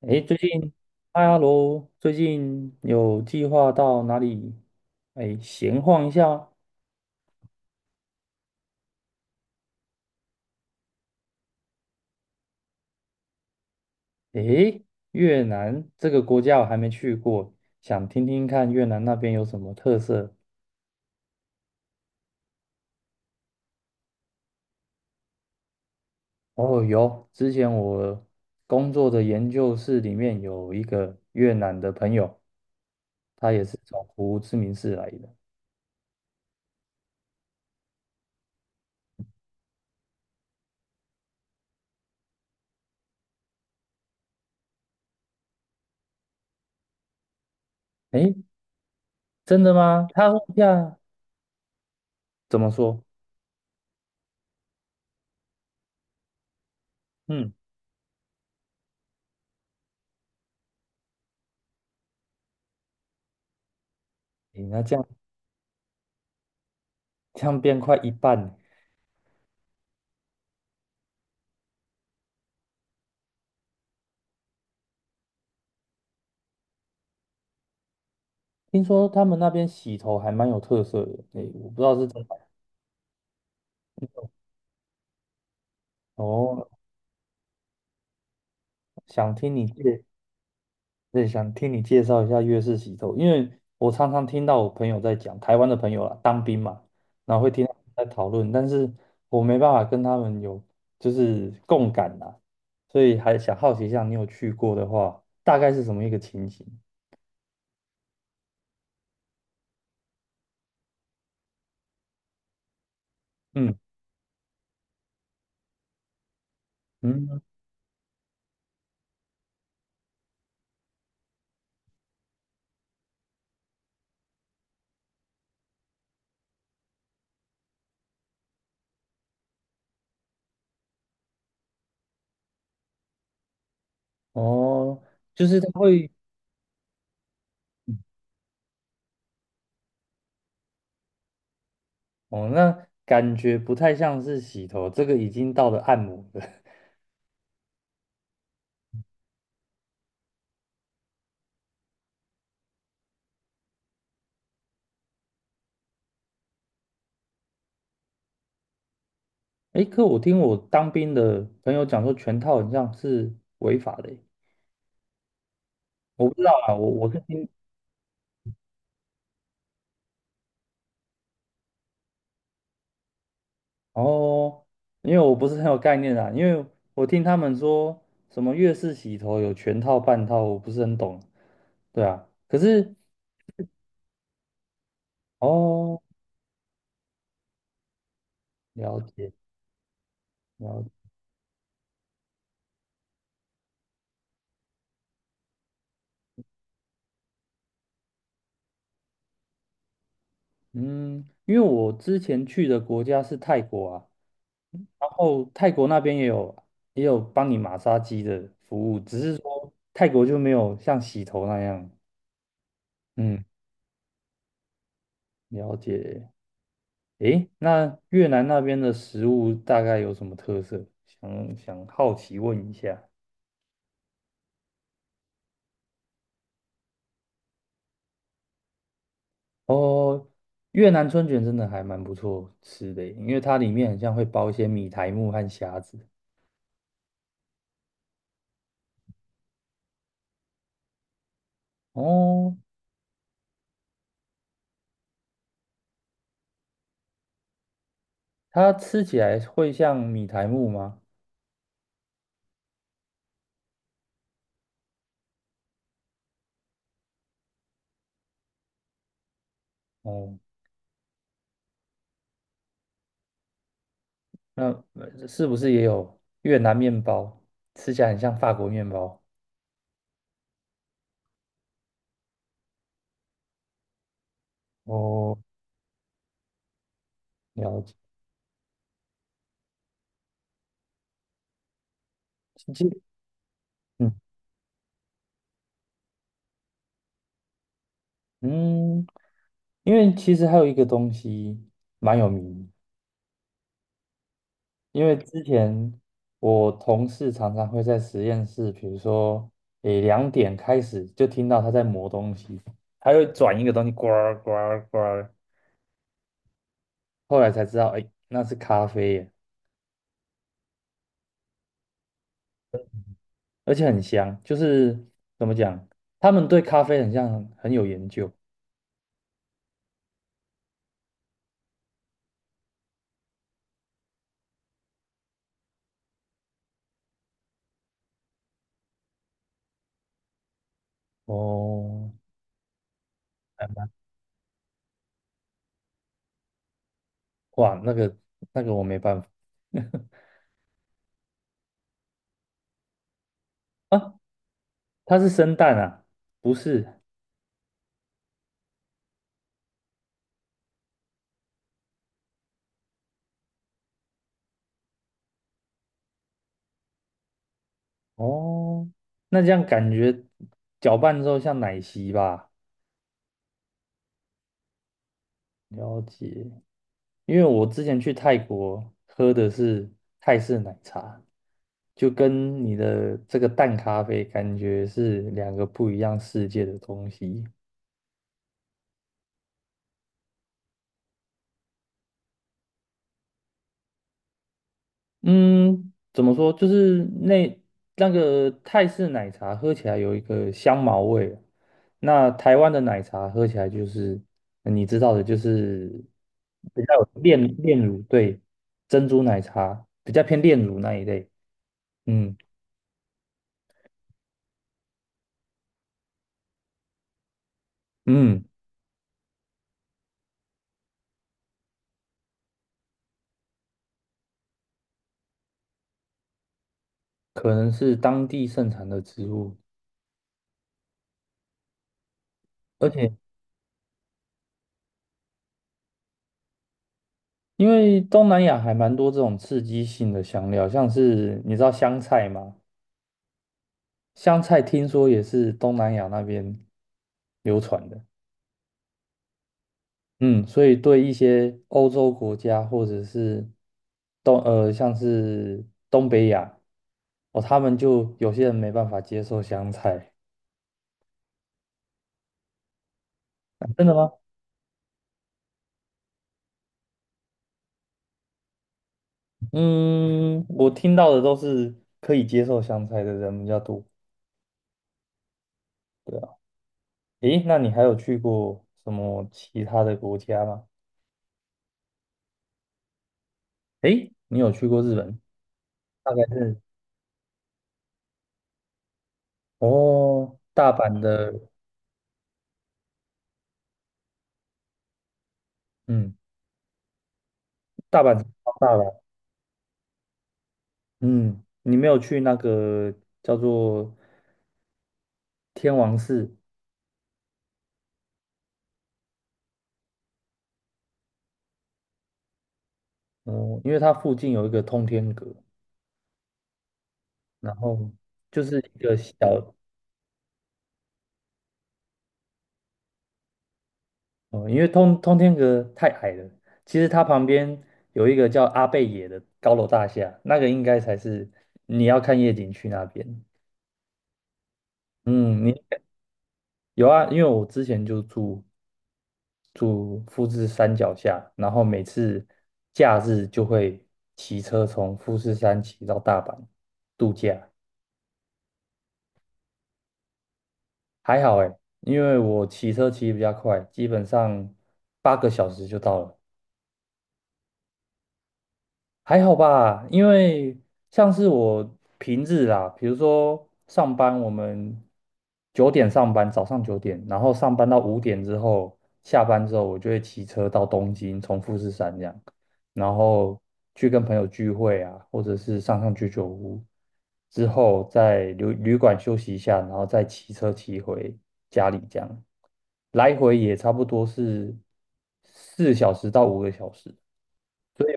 哎，最近，嗨，哈喽，最近有计划到哪里？哎，闲晃一下。哎，越南这个国家我还没去过，想听听看越南那边有什么特色。哦，有，之前我工作的研究室里面有一个越南的朋友，他也是从胡志明市来的。哎，真的吗？他问一怎么说？嗯，诶，那这样，变快一半呢？听说他们那边洗头还蛮有特色的，诶，我不知道是真的。哦。想听你介，对，想听你介绍一下粤式洗头，因为我常常听到我朋友在讲，台湾的朋友啦，当兵嘛，然后会听他们在讨论，但是我没办法跟他们有，就是共感啦，所以还想好奇一下，你有去过的话，大概是什么一个情形？嗯嗯。哦，就是他会，哦，那感觉不太像是洗头，这个已经到了按摩了。诶，可我听我当兵的朋友讲说，全套很像是违法的诶。我不知道啊，我是听。哦，因为我不是很有概念啊，因为我听他们说什么月式洗头有全套半套，我不是很懂。对啊，可是。哦，了解。了解。嗯，因为我之前去的国家是泰国啊，然后泰国那边也有，帮你马杀鸡的服务，只是说泰国就没有像洗头那样，嗯，了解。诶，那越南那边的食物大概有什么特色？想想好奇问一下。哦，越南春卷真的还蛮不错吃的耶，因为它里面很像会包一些米苔木和虾子。哦，它吃起来会像米苔木吗？哦，那是不是也有越南面包？吃起来很像法国面包。哦，了解。其实。嗯嗯，因为其实还有一个东西蛮有名的，因为之前我同事常常会在实验室，比如说，诶，两点开始就听到他在磨东西，他会转一个东西，呱儿呱儿呱儿，后来才知道，诶，那是咖啡耶，而且很香，就是怎么讲，他们对咖啡很像很有研究。哦，还蛮哇，那个我没办法。 啊，它是生蛋啊，不是。哦，那这样感觉搅拌之后像奶昔吧。了解，因为我之前去泰国喝的是泰式奶茶，就跟你的这个淡咖啡感觉是两个不一样世界的东西。嗯，怎么说？就是那个泰式奶茶喝起来有一个香茅味，那台湾的奶茶喝起来就是你知道的，就是比较有炼乳，对，珍珠奶茶比较偏炼乳那一类。嗯嗯。可能是当地盛产的植物，而且因为东南亚还蛮多这种刺激性的香料，像是你知道香菜吗？香菜听说也是东南亚那边流传的，嗯，所以对一些欧洲国家或者是像是东北亚，哦，他们就有些人没办法接受香菜。真的吗？嗯，我听到的都是可以接受香菜的人比较多。对啊。诶，那你还有去过什么其他的国家吗？诶，你有去过日本？大概是。哦，大阪的。嗯，大阪是超大了。嗯，你没有去那个叫做天王寺？嗯，因为它附近有一个通天阁，然后就是一个小。嗯，因为通天阁太矮了，其实它旁边有一个叫阿贝野的高楼大厦，那个应该才是你要看夜景去那边。嗯，你有啊，因为我之前就住富士山脚下，然后每次假日就会骑车从富士山骑到大阪度假。还好诶，因为我骑车骑得比较快，基本上八个小时就到了。还好吧，因为像是我平日啦，比如说上班，我们九点上班，早上九点，然后上班到五点之后，下班之后，我就会骑车到东京，从富士山这样，然后去跟朋友聚会啊，或者是上上居酒屋，之后在旅馆休息一下，然后再骑车骑回家里这样，来回也差不多是四小时到五个小时。所以。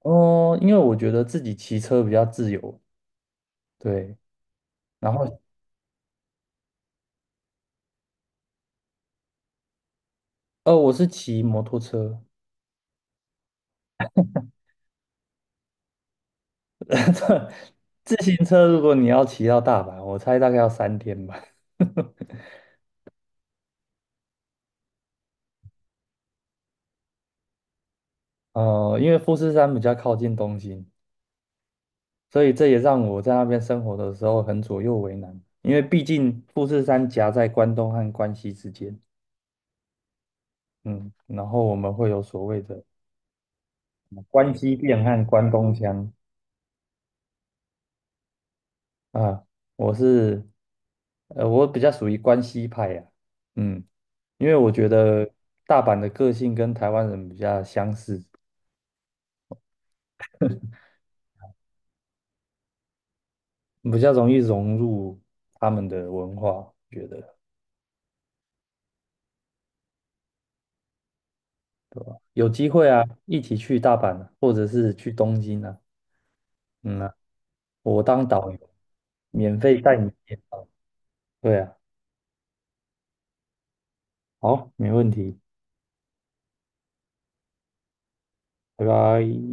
哦，因为我觉得自己骑车比较自由，对。然后，我是骑摩托车。自行车如果你要骑到大阪，我猜大概要三天吧。哦，因为富士山比较靠近东京，所以这也让我在那边生活的时候很左右为难。因为毕竟富士山夹在关东和关西之间，嗯，然后我们会有所谓的关西变和关东腔。啊，我是，我比较属于关西派呀、嗯，因为我觉得大阪的个性跟台湾人比较相似，比较容易融入他们的文化，觉得有机会啊，一起去大阪啊，或者是去东京啊，嗯啊，我当导游，免费带你介绍。对啊，好，没问题，拜拜。